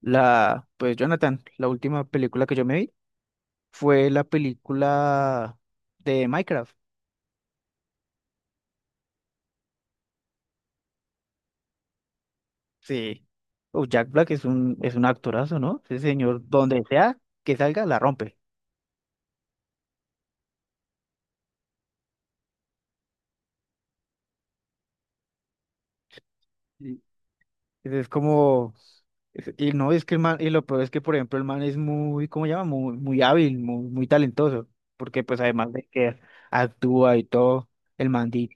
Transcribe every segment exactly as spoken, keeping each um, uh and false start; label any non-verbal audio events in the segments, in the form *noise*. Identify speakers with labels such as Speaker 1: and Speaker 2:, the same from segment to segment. Speaker 1: La, pues, Jonathan, la última película que yo me vi fue la película de Minecraft. Sí. Oh, Jack Black es un, es un actorazo, ¿no? Ese señor, donde sea que salga, la rompe. Y es como, es- y no es que el man, y lo peor es que, por ejemplo, el man es muy, ¿cómo se llama? Muy, muy hábil, muy, muy talentoso. Porque pues además de que actúa y todo, el man di-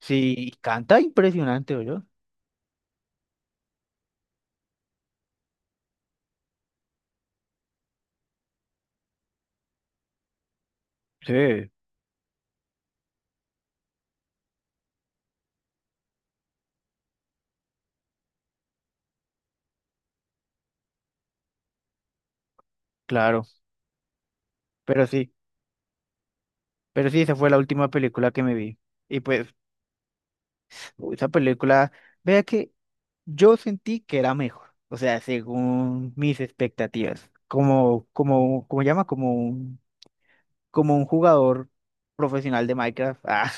Speaker 1: sí, canta impresionante. Yo Sí, claro, pero sí. Pero sí, esa fue la última película que me vi. Y pues, esa película, vea que yo sentí que era mejor. O sea, según mis expectativas. Como, como, como llama, como un, como un jugador profesional de Minecraft. Ah,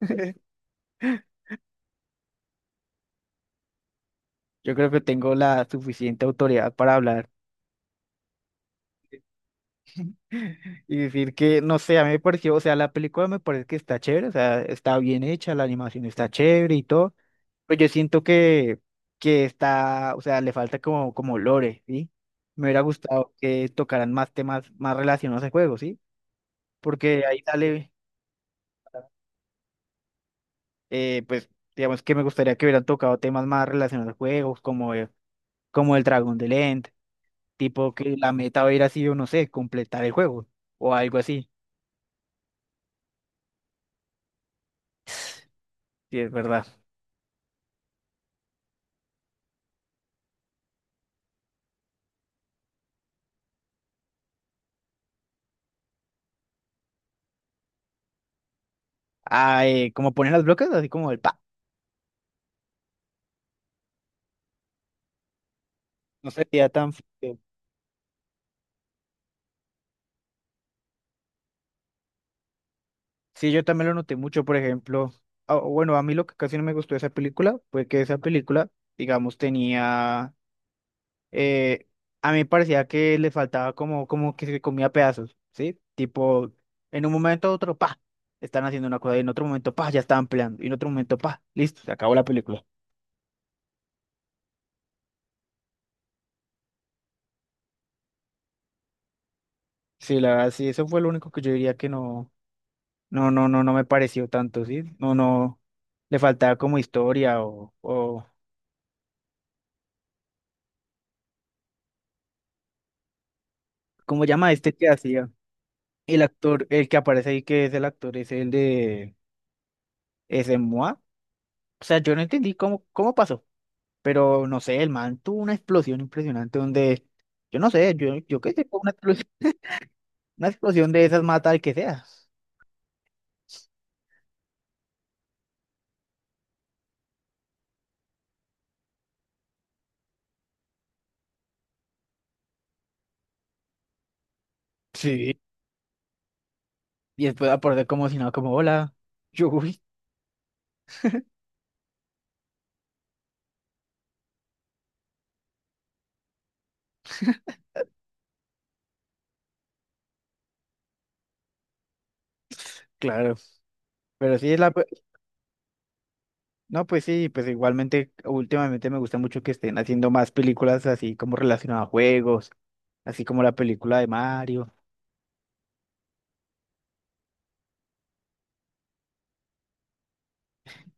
Speaker 1: *laughs* yo creo que tengo la suficiente autoridad para hablar y decir que, no sé, a mí me pareció, o sea, la película me parece que está chévere, o sea, está bien hecha, la animación está chévere y todo. Pues yo siento que, que está, o sea, le falta como, como lore, ¿sí? Me hubiera gustado que tocaran más temas más relacionados al juego, ¿sí? Porque ahí sale, eh, pues, digamos que me gustaría que hubieran tocado temas más relacionados al juego, como, eh, como el dragón de End, tipo que la meta hubiera sido, no sé, completar el juego o algo así. Sí, es verdad. Ah, eh, como ponen las bloques, así como el pa. No sería tan feo. Sí, yo también lo noté mucho, por ejemplo, ah, bueno, a mí lo que casi no me gustó de esa película fue que esa película, digamos, tenía, eh, a mí me parecía que le faltaba como, como que se comía pedazos, ¿sí? Tipo, en un momento u otro, pa, están haciendo una cosa, y en otro momento, pa, ya estaban peleando, y en otro momento, pa, listo, se acabó la película. Sí, la verdad, sí, eso fue lo único que yo diría que no, no, no, no, no me pareció tanto, ¿sí? No, no, le faltaba como historia o, o, ¿cómo llama este que hacía? El actor, el que aparece ahí, que es el actor, es el de, es de Moa. O sea, yo no entendí cómo, cómo pasó, pero no sé, el man tuvo una explosión impresionante donde, yo no sé, yo, yo qué sé, fue una explosión, una explosión de esas mata al que sea. Sí. Y después aparece como si no, como hola. *laughs* Yo, uy, claro. Pero sí, es la, pe- no, pues sí, pues igualmente, últimamente me gusta mucho que estén haciendo más películas así como relacionadas a juegos, así como la película de Mario.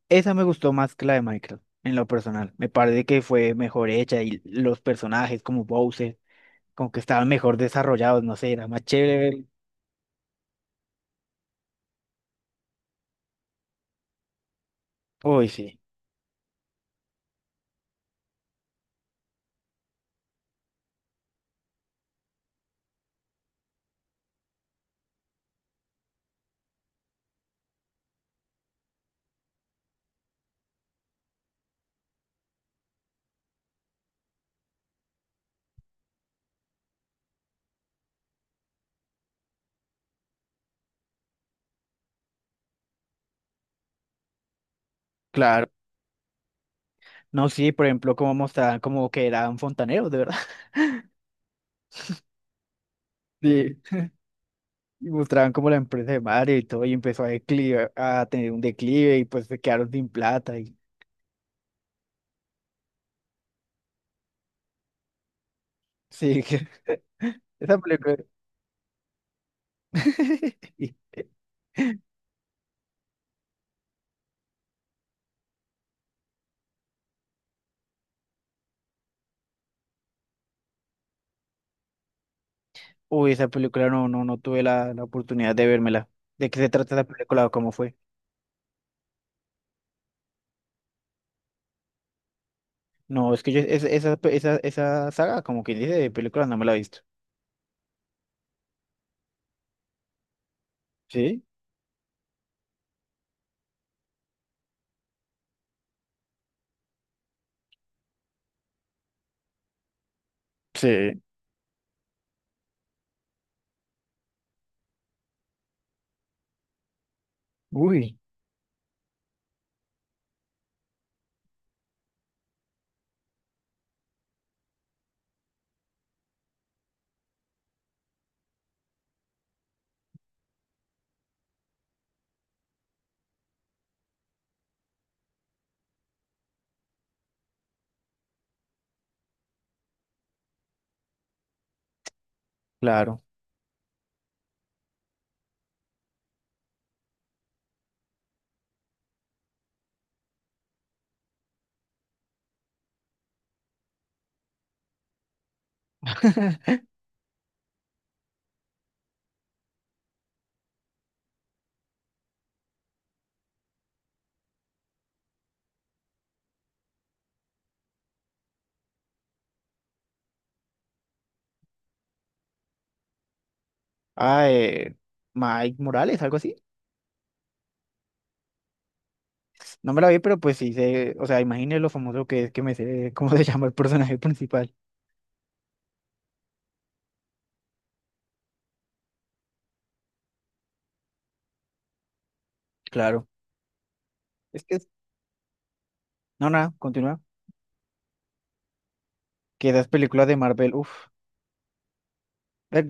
Speaker 1: Esa me gustó más que la de Minecraft, en lo personal. Me parece que fue mejor hecha y los personajes como Bowser, como que estaban mejor desarrollados, no sé, era más chévere ver- Uy, sí, claro. No, sí, por ejemplo, como mostraban como que eran fontaneros, de verdad. *laughs* Sí, y mostraban como la empresa de Mario y todo, y empezó a declive, a tener un declive y pues se quedaron sin plata y sí, que *laughs* esa película. *laughs* y- Uy, esa película no, no, no tuve la, la oportunidad de vérmela. ¿De qué se trata esa película o cómo fue? No, es que yo esa, esa, esa, esa saga, como quien dice, de películas no me la he visto. ¿Sí? Sí. Uy, claro. Ah, eh, Mike Morales, algo así. No me la vi, pero pues sí sé, o sea, imagínese lo famoso que es que me sé *laughs* cómo se llama el personaje principal. Claro. Es que, es- no, nada, continúa. Que esas películas de Marvel, uff.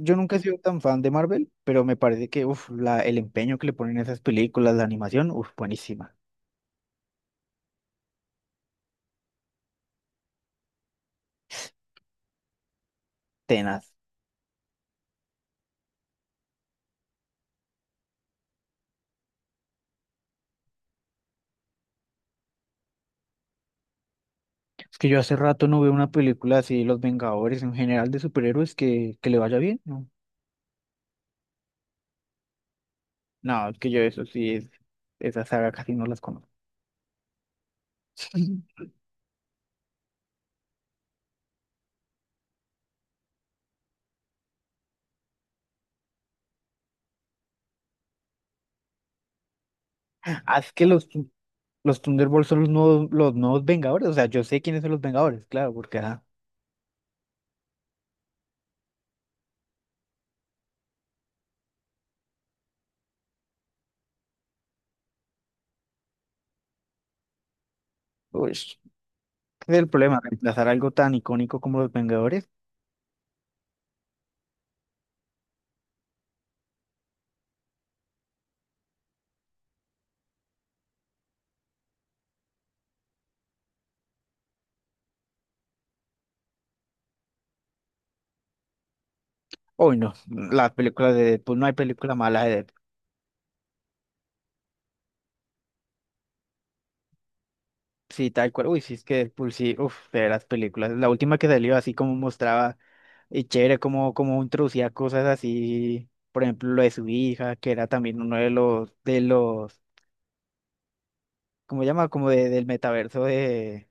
Speaker 1: Yo nunca he sido tan fan de Marvel, pero me parece que, uff, la, el empeño que le ponen a esas películas, la animación, uff, buenísima. Tenaz. Es que yo hace rato no veo una película así de los Vengadores en general de superhéroes que, que le vaya bien, ¿no? No, es que yo eso sí es, esa saga casi no las conozco. *laughs* Ah, es que los, los Thunderbolts son los nuevos, los nuevos, Vengadores, o sea, yo sé quiénes son los Vengadores, claro, porque ah, uy, ese es el problema, reemplazar algo tan icónico como los Vengadores. Hoy no, las películas de Deadpool, no hay película mala de Deadpool. Sí, tal cual. Uy, sí, es que Deadpool, sí, uf, de las películas. La última que salió así como mostraba, y chévere, como, como introducía cosas así, por ejemplo, lo de su hija, que era también uno de los, de los, ¿cómo se llama? Como de, del metaverso de...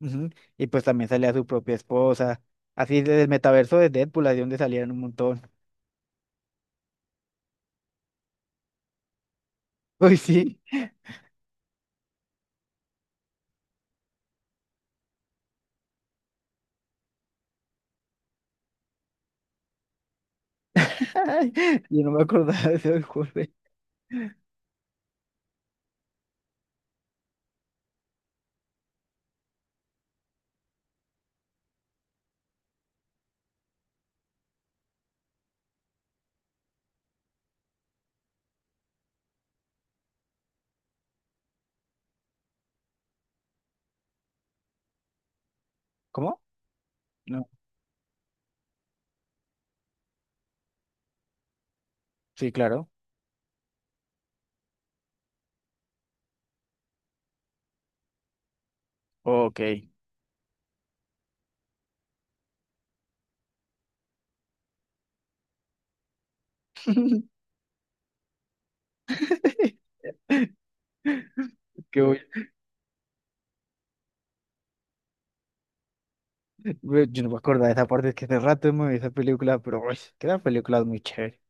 Speaker 1: Ujú, y pues también salía su propia esposa. Así del metaverso de Deadpool, así donde salían un montón. Uy, sí. *laughs* Yo no me acordaba de ese juego. ¿Cómo? No. Sí, claro. Ok. *laughs* Qué güey, yo no me acuerdo de esa parte, es que hace rato hemos visto esa película, pero uy, quedan película muy chévere.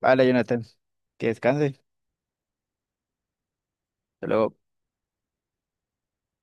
Speaker 1: Vale, Jonathan, que descanse. Hasta luego.